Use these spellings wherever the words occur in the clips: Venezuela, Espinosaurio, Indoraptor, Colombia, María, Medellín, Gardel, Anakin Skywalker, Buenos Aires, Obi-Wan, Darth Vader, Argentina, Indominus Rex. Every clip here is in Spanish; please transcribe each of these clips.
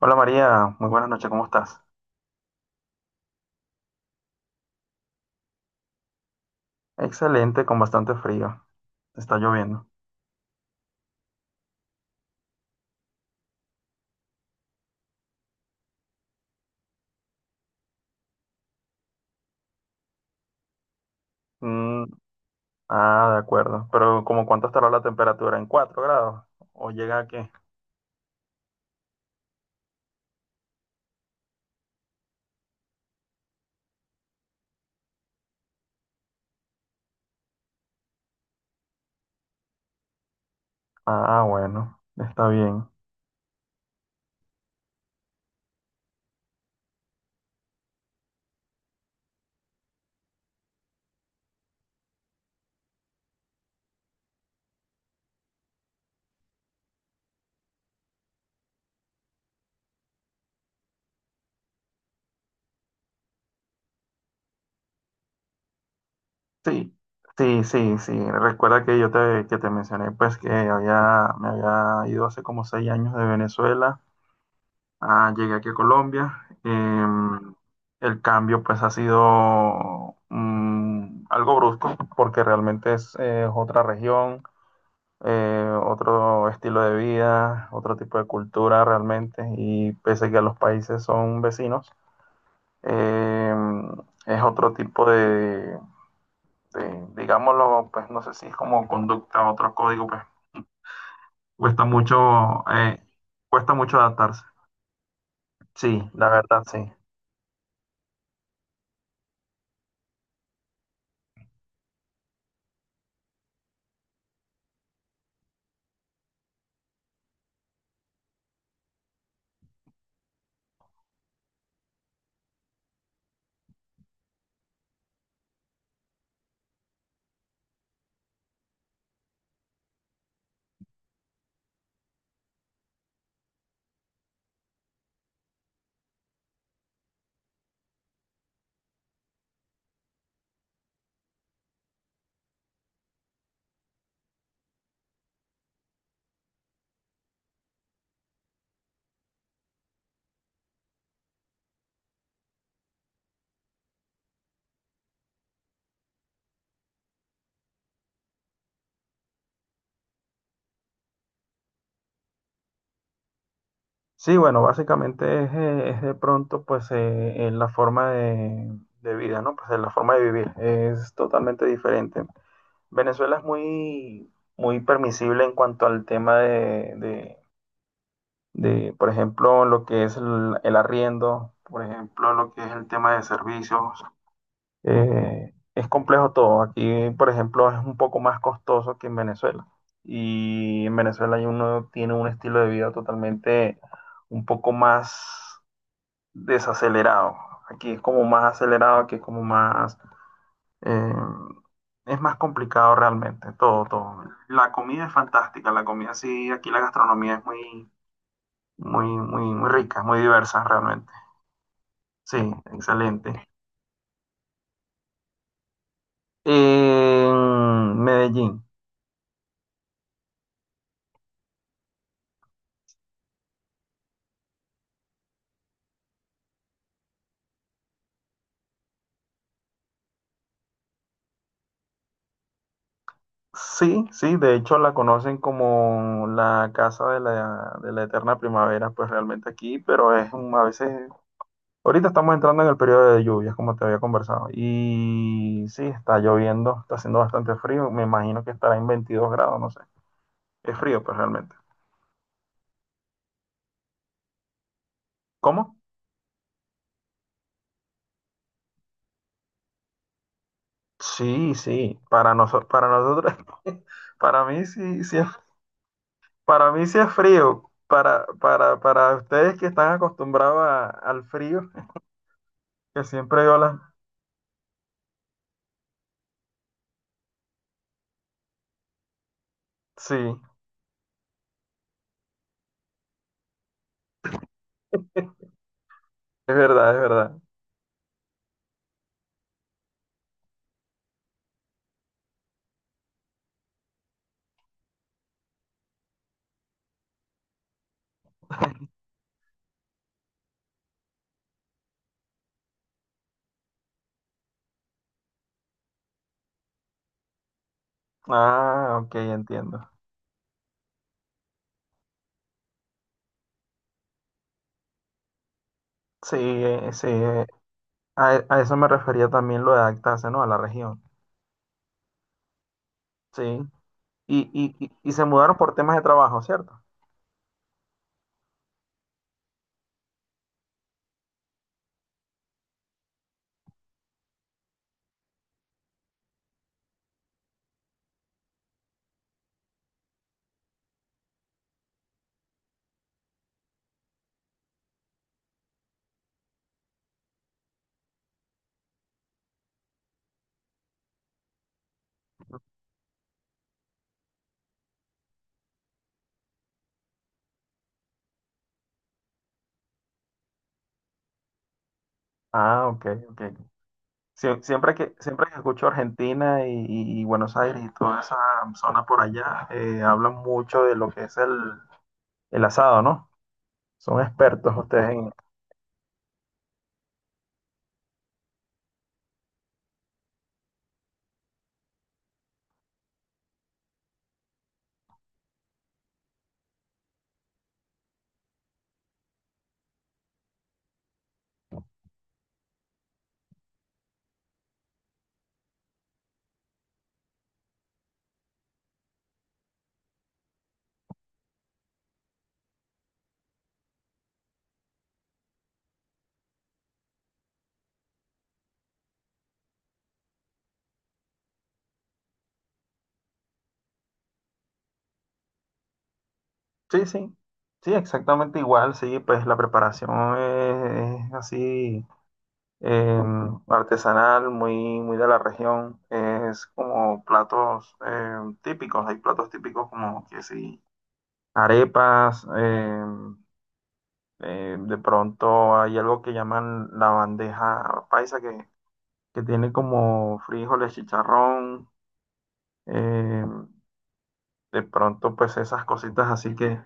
Hola María, muy buenas noches, ¿cómo estás? Excelente, con bastante frío. Está lloviendo. Mm, ah, de acuerdo. Pero ¿como cuánto estará la temperatura? ¿En 4 grados? ¿O llega a qué? Ah, bueno, está bien. Sí, sí, sí, sí. Recuerda que que te mencioné pues que me había ido hace como 6 años de Venezuela. Ah, llegué aquí a Colombia. El cambio pues ha sido algo brusco porque realmente es otra región, otro estilo de vida, otro tipo de cultura realmente, y pese a que los países son vecinos, em, es otro tipo digámoslo, pues no sé si es como conducta, otro código. Pues cuesta mucho, eh, cuesta mucho adaptarse. Sí, la verdad, sí. Sí, bueno, básicamente es de pronto pues la forma de vida, ¿no? Pues la forma de vivir es totalmente diferente. Venezuela es muy, muy permisible en cuanto al tema por ejemplo, lo que es el arriendo, por ejemplo, lo que es el tema de servicios. Es complejo todo. Aquí, por ejemplo, es un poco más costoso que en Venezuela. Y en Venezuela uno tiene un estilo de vida totalmente un poco más desacelerado. Aquí es como más acelerado, aquí es como más, eh, es más complicado realmente, todo, todo. La comida es fantástica, la comida sí, aquí la gastronomía es muy, muy, muy, muy rica, muy diversa realmente. Sí, excelente. En Medellín. Sí, sí, de hecho la conocen como la casa de la, eterna primavera, pues realmente aquí, pero es a veces. Ahorita estamos entrando en el periodo de lluvias, como te había conversado. Y sí, está lloviendo, está haciendo bastante frío. Me imagino que estará en 22 grados, no sé. Es frío, pues realmente. ¿Cómo? Sí, sí. Para nosotros, para mí sí, sí es, para mí sí es frío. Para ustedes que están acostumbrados al frío, que siempre violan. Sí, es verdad, es verdad. Ah, ok, entiendo. Sí, eh, sí, eh, a eso me refería también, lo de adaptarse, ¿no? A la región. Sí. Y se mudaron por temas de trabajo, ¿cierto? Ah, ok, ok. Siempre que escucho Argentina y Buenos Aires y toda esa zona por allá, hablan mucho de lo que es el, asado, ¿no? Son expertos ustedes en... Sí, sí. Sí, exactamente igual, sí, pues la preparación es así. eh, Artesanal, muy, muy de la región. Es como platos típicos, hay platos típicos como que sí, arepas, de pronto hay algo que llaman la bandeja paisa que tiene como frijoles, chicharrón, eh, de pronto pues esas cositas así que...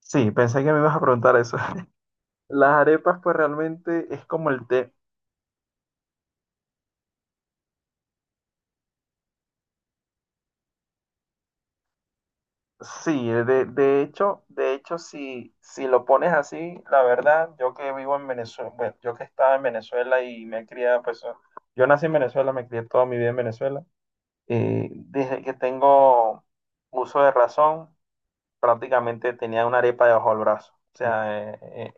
Sí, pensé que me ibas a preguntar eso. Las arepas pues realmente es como el té. Sí, de hecho, si lo pones así, la verdad, yo que vivo en Venezuela, bueno, yo que estaba en Venezuela y me he criado, pues, yo nací en Venezuela, me crié toda mi vida en Venezuela. Desde que tengo uso de razón, prácticamente tenía una arepa debajo del brazo. O sea,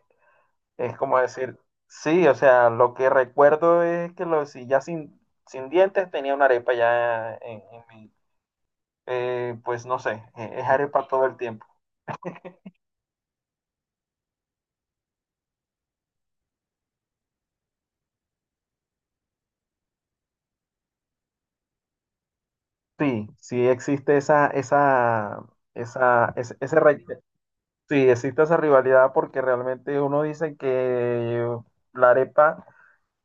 es como decir, sí, o sea, lo que recuerdo es que si ya sin dientes tenía una arepa ya en, pues no sé, es arepa todo el tiempo. Sí, sí existe esa, sí, existe esa rivalidad porque realmente uno dice que la arepa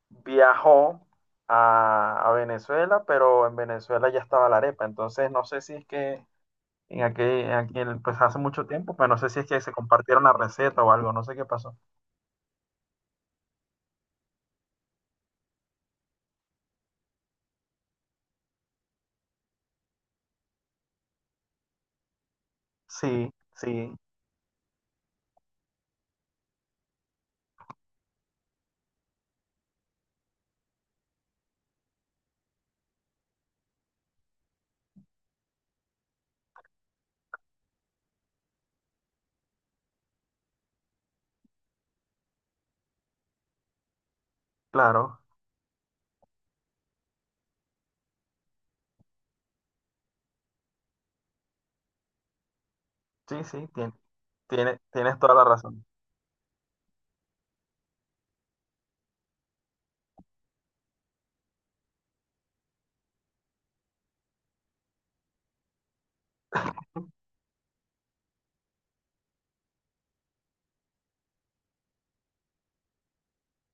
viajó a Venezuela, pero en Venezuela ya estaba la arepa. Entonces no sé si es que pues hace mucho tiempo, pero no sé si es que se compartieron la receta o algo, no sé qué pasó. Sí, sí, claro. Sí, sí, tien- tienes toda la razón.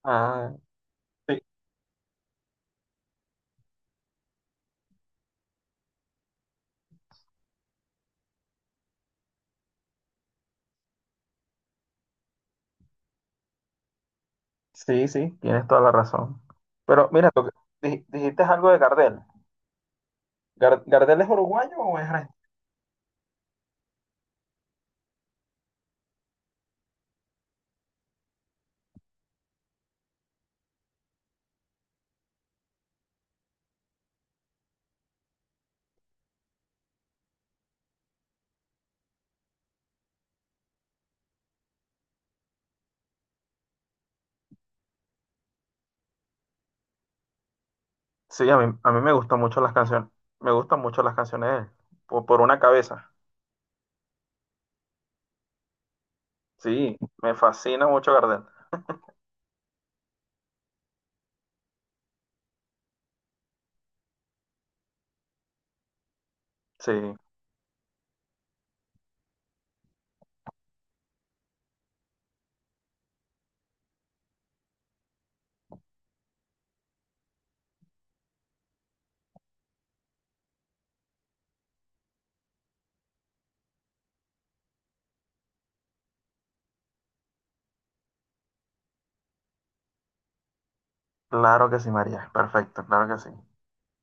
Ah, sí. Sí, sí, tienes toda la razón. Pero mira, dijiste algo de Gardel. ¿Gardel es uruguayo o es argentino? Sí, a mí me gustan mucho las canciones. Me gustan mucho las canciones de él. Por una cabeza. Sí, me fascina mucho Gardel. Sí, claro que sí, María. Perfecto, claro que sí.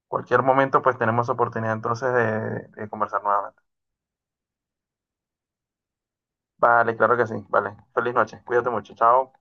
Cualquier momento, pues tenemos oportunidad entonces de conversar nuevamente. Vale, claro que sí. Vale. Feliz noche. Cuídate mucho. Chao.